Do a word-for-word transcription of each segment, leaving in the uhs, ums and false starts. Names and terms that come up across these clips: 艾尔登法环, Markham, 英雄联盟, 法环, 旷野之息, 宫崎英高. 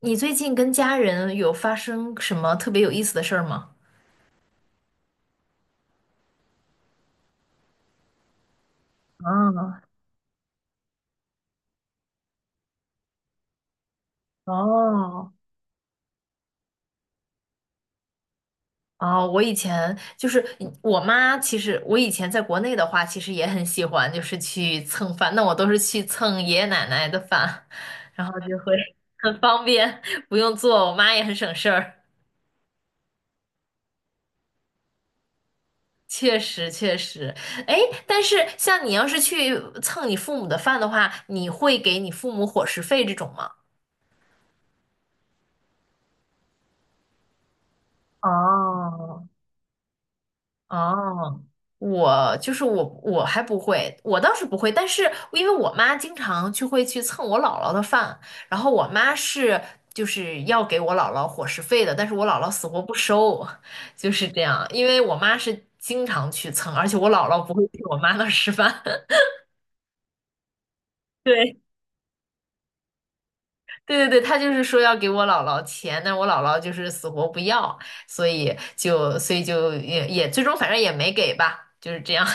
你最近跟家人有发生什么特别有意思的事儿吗？啊，哦，哦，我以前就是我妈，其实我以前在国内的话，其实也很喜欢，就是去蹭饭。那我都是去蹭爷爷奶奶的饭，然后就会很方便，不用做，我妈也很省事儿。确实，确实。哎，但是像你要是去蹭你父母的饭的话，你会给你父母伙食费这种吗？哦，哦，我就是我，我还不会，我倒是不会，但是因为我妈经常就会去蹭我姥姥的饭，然后我妈是就是要给我姥姥伙食费的，但是我姥姥死活不收，就是这样，因为我妈是经常去蹭，而且我姥姥不会去我妈那儿吃饭，对。对对对，她就是说要给我姥姥钱，但是我姥姥就是死活不要，所以就所以就也也最终反正也没给吧，就是这样。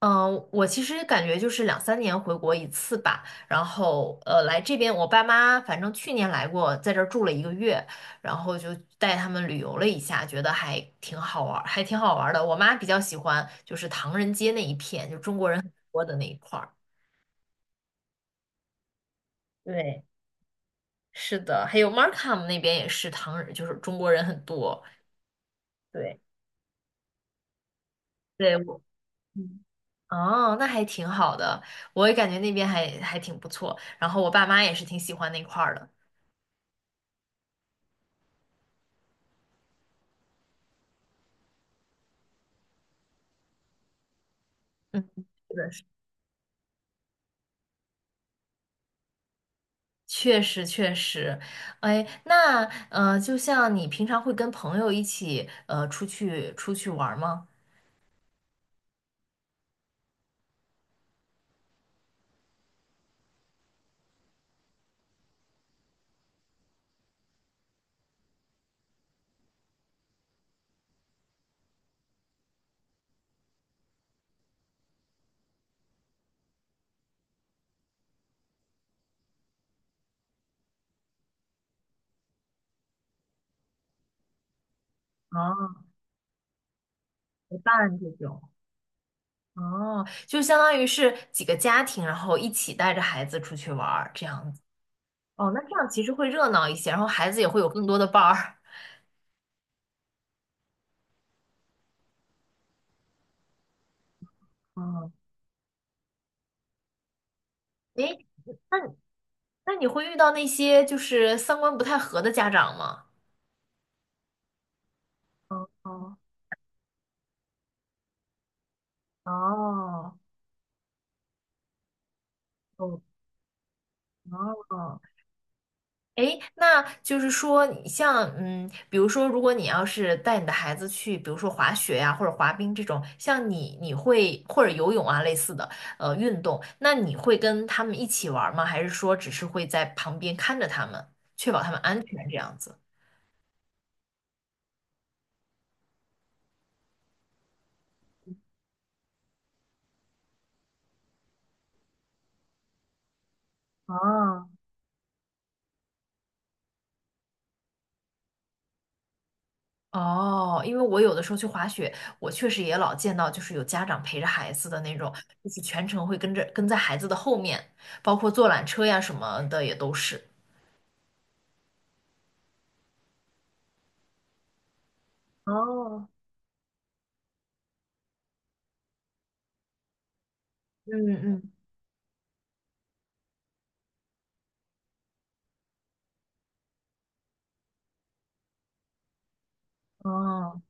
嗯，我其实感觉就是两三年回国一次吧，然后呃来这边，我爸妈反正去年来过，在这儿住了一个月，然后就带他们旅游了一下，觉得还挺好玩儿，还挺好玩儿的。我妈比较喜欢就是唐人街那一片，就中国人很多的那一块儿。对，是的，还有 Markham 那边也是唐人，就是中国人很多。对，对，我。嗯。哦，那还挺好的，我也感觉那边还还挺不错。然后我爸妈也是挺喜欢那块儿的。嗯，是的是的，确实确实。哎，那呃，就像你平常会跟朋友一起呃出去出去玩儿吗？哦，陪伴这种。哦，就相当于是几个家庭，然后一起带着孩子出去玩儿这样子。哦，那这样其实会热闹一些，然后孩子也会有更多的伴儿。哦，哎，那你那你会遇到那些就是三观不太合的家长吗？哦哦，哦哦。诶，那就是说，你像嗯，比如说，如果你要是带你的孩子去，比如说滑雪呀、或者滑冰这种，像你你会或者游泳啊类似的呃运动，那你会跟他们一起玩儿吗？还是说只是会在旁边看着他们，确保他们安全这样子？哦，哦，因为我有的时候去滑雪，我确实也老见到，就是有家长陪着孩子的那种，就是全程会跟着跟在孩子的后面，包括坐缆车呀什么的也都是。哦，嗯嗯。哦，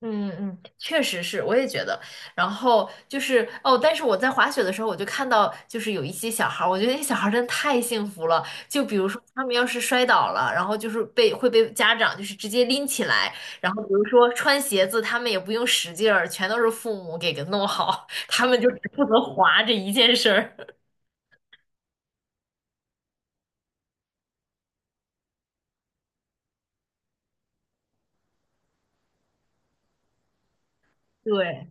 嗯嗯，确实是，我也觉得。然后就是哦，但是我在滑雪的时候，我就看到就是有一些小孩儿，我觉得那些小孩儿真的太幸福了。就比如说他们要是摔倒了，然后就是被会被家长就是直接拎起来，然后比如说穿鞋子，他们也不用使劲儿，全都是父母给给弄好，他们就只负责滑这一件事儿。对，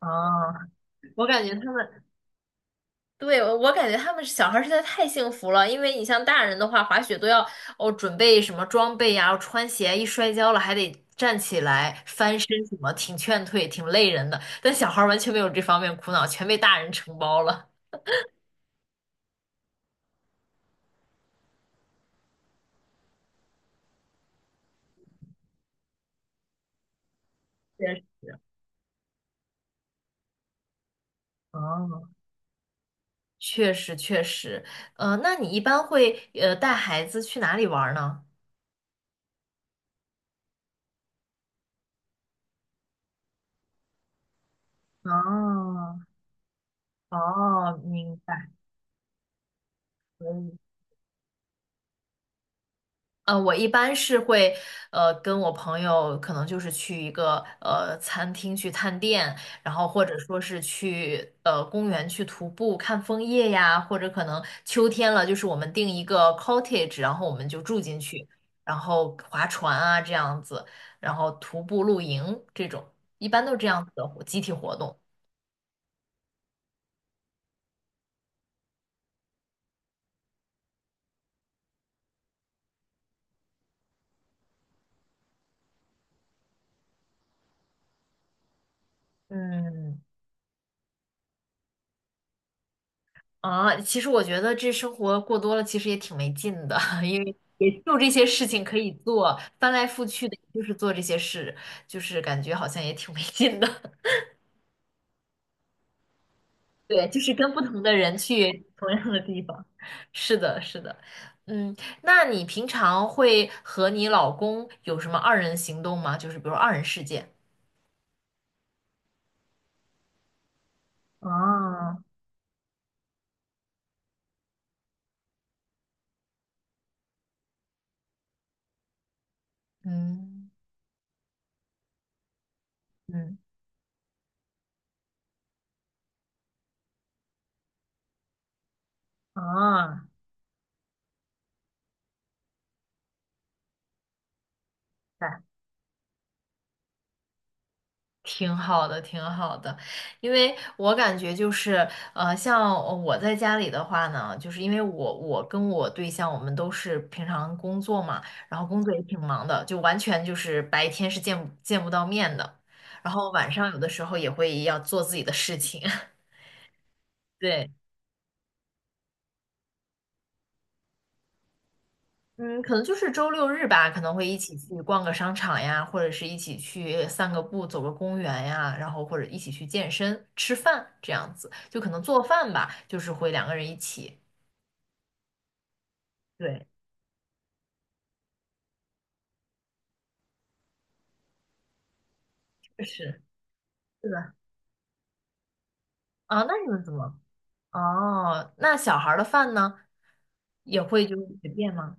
啊，我感觉他们对，我我感觉他们小孩儿实在太幸福了，因为你像大人的话，滑雪都要哦准备什么装备呀、穿鞋，一摔跤了还得站起来翻身什么，挺劝退，挺累人的。但小孩儿完全没有这方面苦恼，全被大人承包了。确实。哦，确实确实。呃，那你一般会呃带孩子去哪里玩儿呢？哦哦，明白，可以。呃，我一般是会，呃，跟我朋友可能就是去一个呃餐厅去探店，然后或者说是去呃公园去徒步看枫叶呀，或者可能秋天了，就是我们订一个 cottage，然后我们就住进去，然后划船啊这样子，然后徒步露营这种，一般都是这样子的活集体活动。嗯。啊，其实我觉得这生活过多了，其实也挺没劲的，因为也就这些事情可以做，翻来覆去的就是做这些事，就是感觉好像也挺没劲的。对，就是跟不同的人去同样的地方。是的，是的。嗯，那你平常会和你老公有什么二人行动吗？就是比如说二人世界。啊，嗯嗯，啊，对。挺好的，挺好的，因为我感觉就是，呃，像我在家里的话呢，就是因为我我跟我对象我们都是平常工作嘛，然后工作也挺忙的，就完全就是白天是见不见不到面的，然后晚上有的时候也会要做自己的事情，对。嗯，可能就是周六日吧，可能会一起去逛个商场呀，或者是一起去散个步、走个公园呀，然后或者一起去健身、吃饭这样子，就可能做饭吧，就是会两个人一起。对，确实，是的。啊，那你们怎么？哦，那小孩儿的饭呢，也会就是随便吗？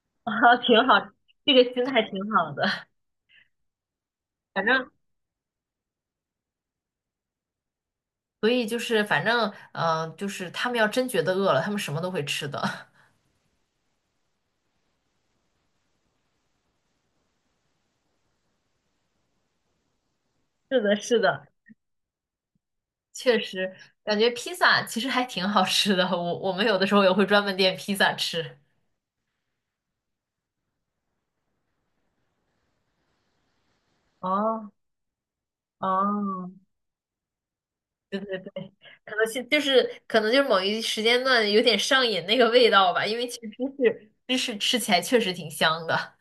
啊，挺好，这个心态挺好的。反正，所以就是反正，嗯、就是他们要真觉得饿了，他们什么都会吃的。是的，是的。确实，感觉披萨其实还挺好吃的。我我们有的时候也会专门点披萨吃。哦哦，对对对，可能是就是可能就是某一时间段有点上瘾那个味道吧，因为其实芝士芝士吃起来确实挺香的。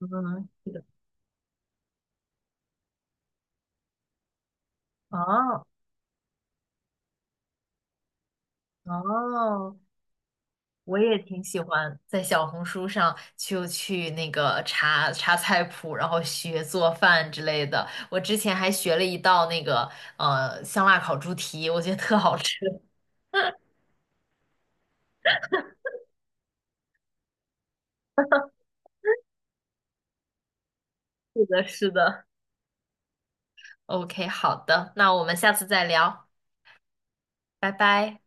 嗯，是的。哦哦，我也挺喜欢在小红书上就去那个查查菜谱，然后学做饭之类的。我之前还学了一道那个呃香辣烤猪蹄，我觉得特好吃。是的，是的。OK，好的，那我们下次再聊，拜拜。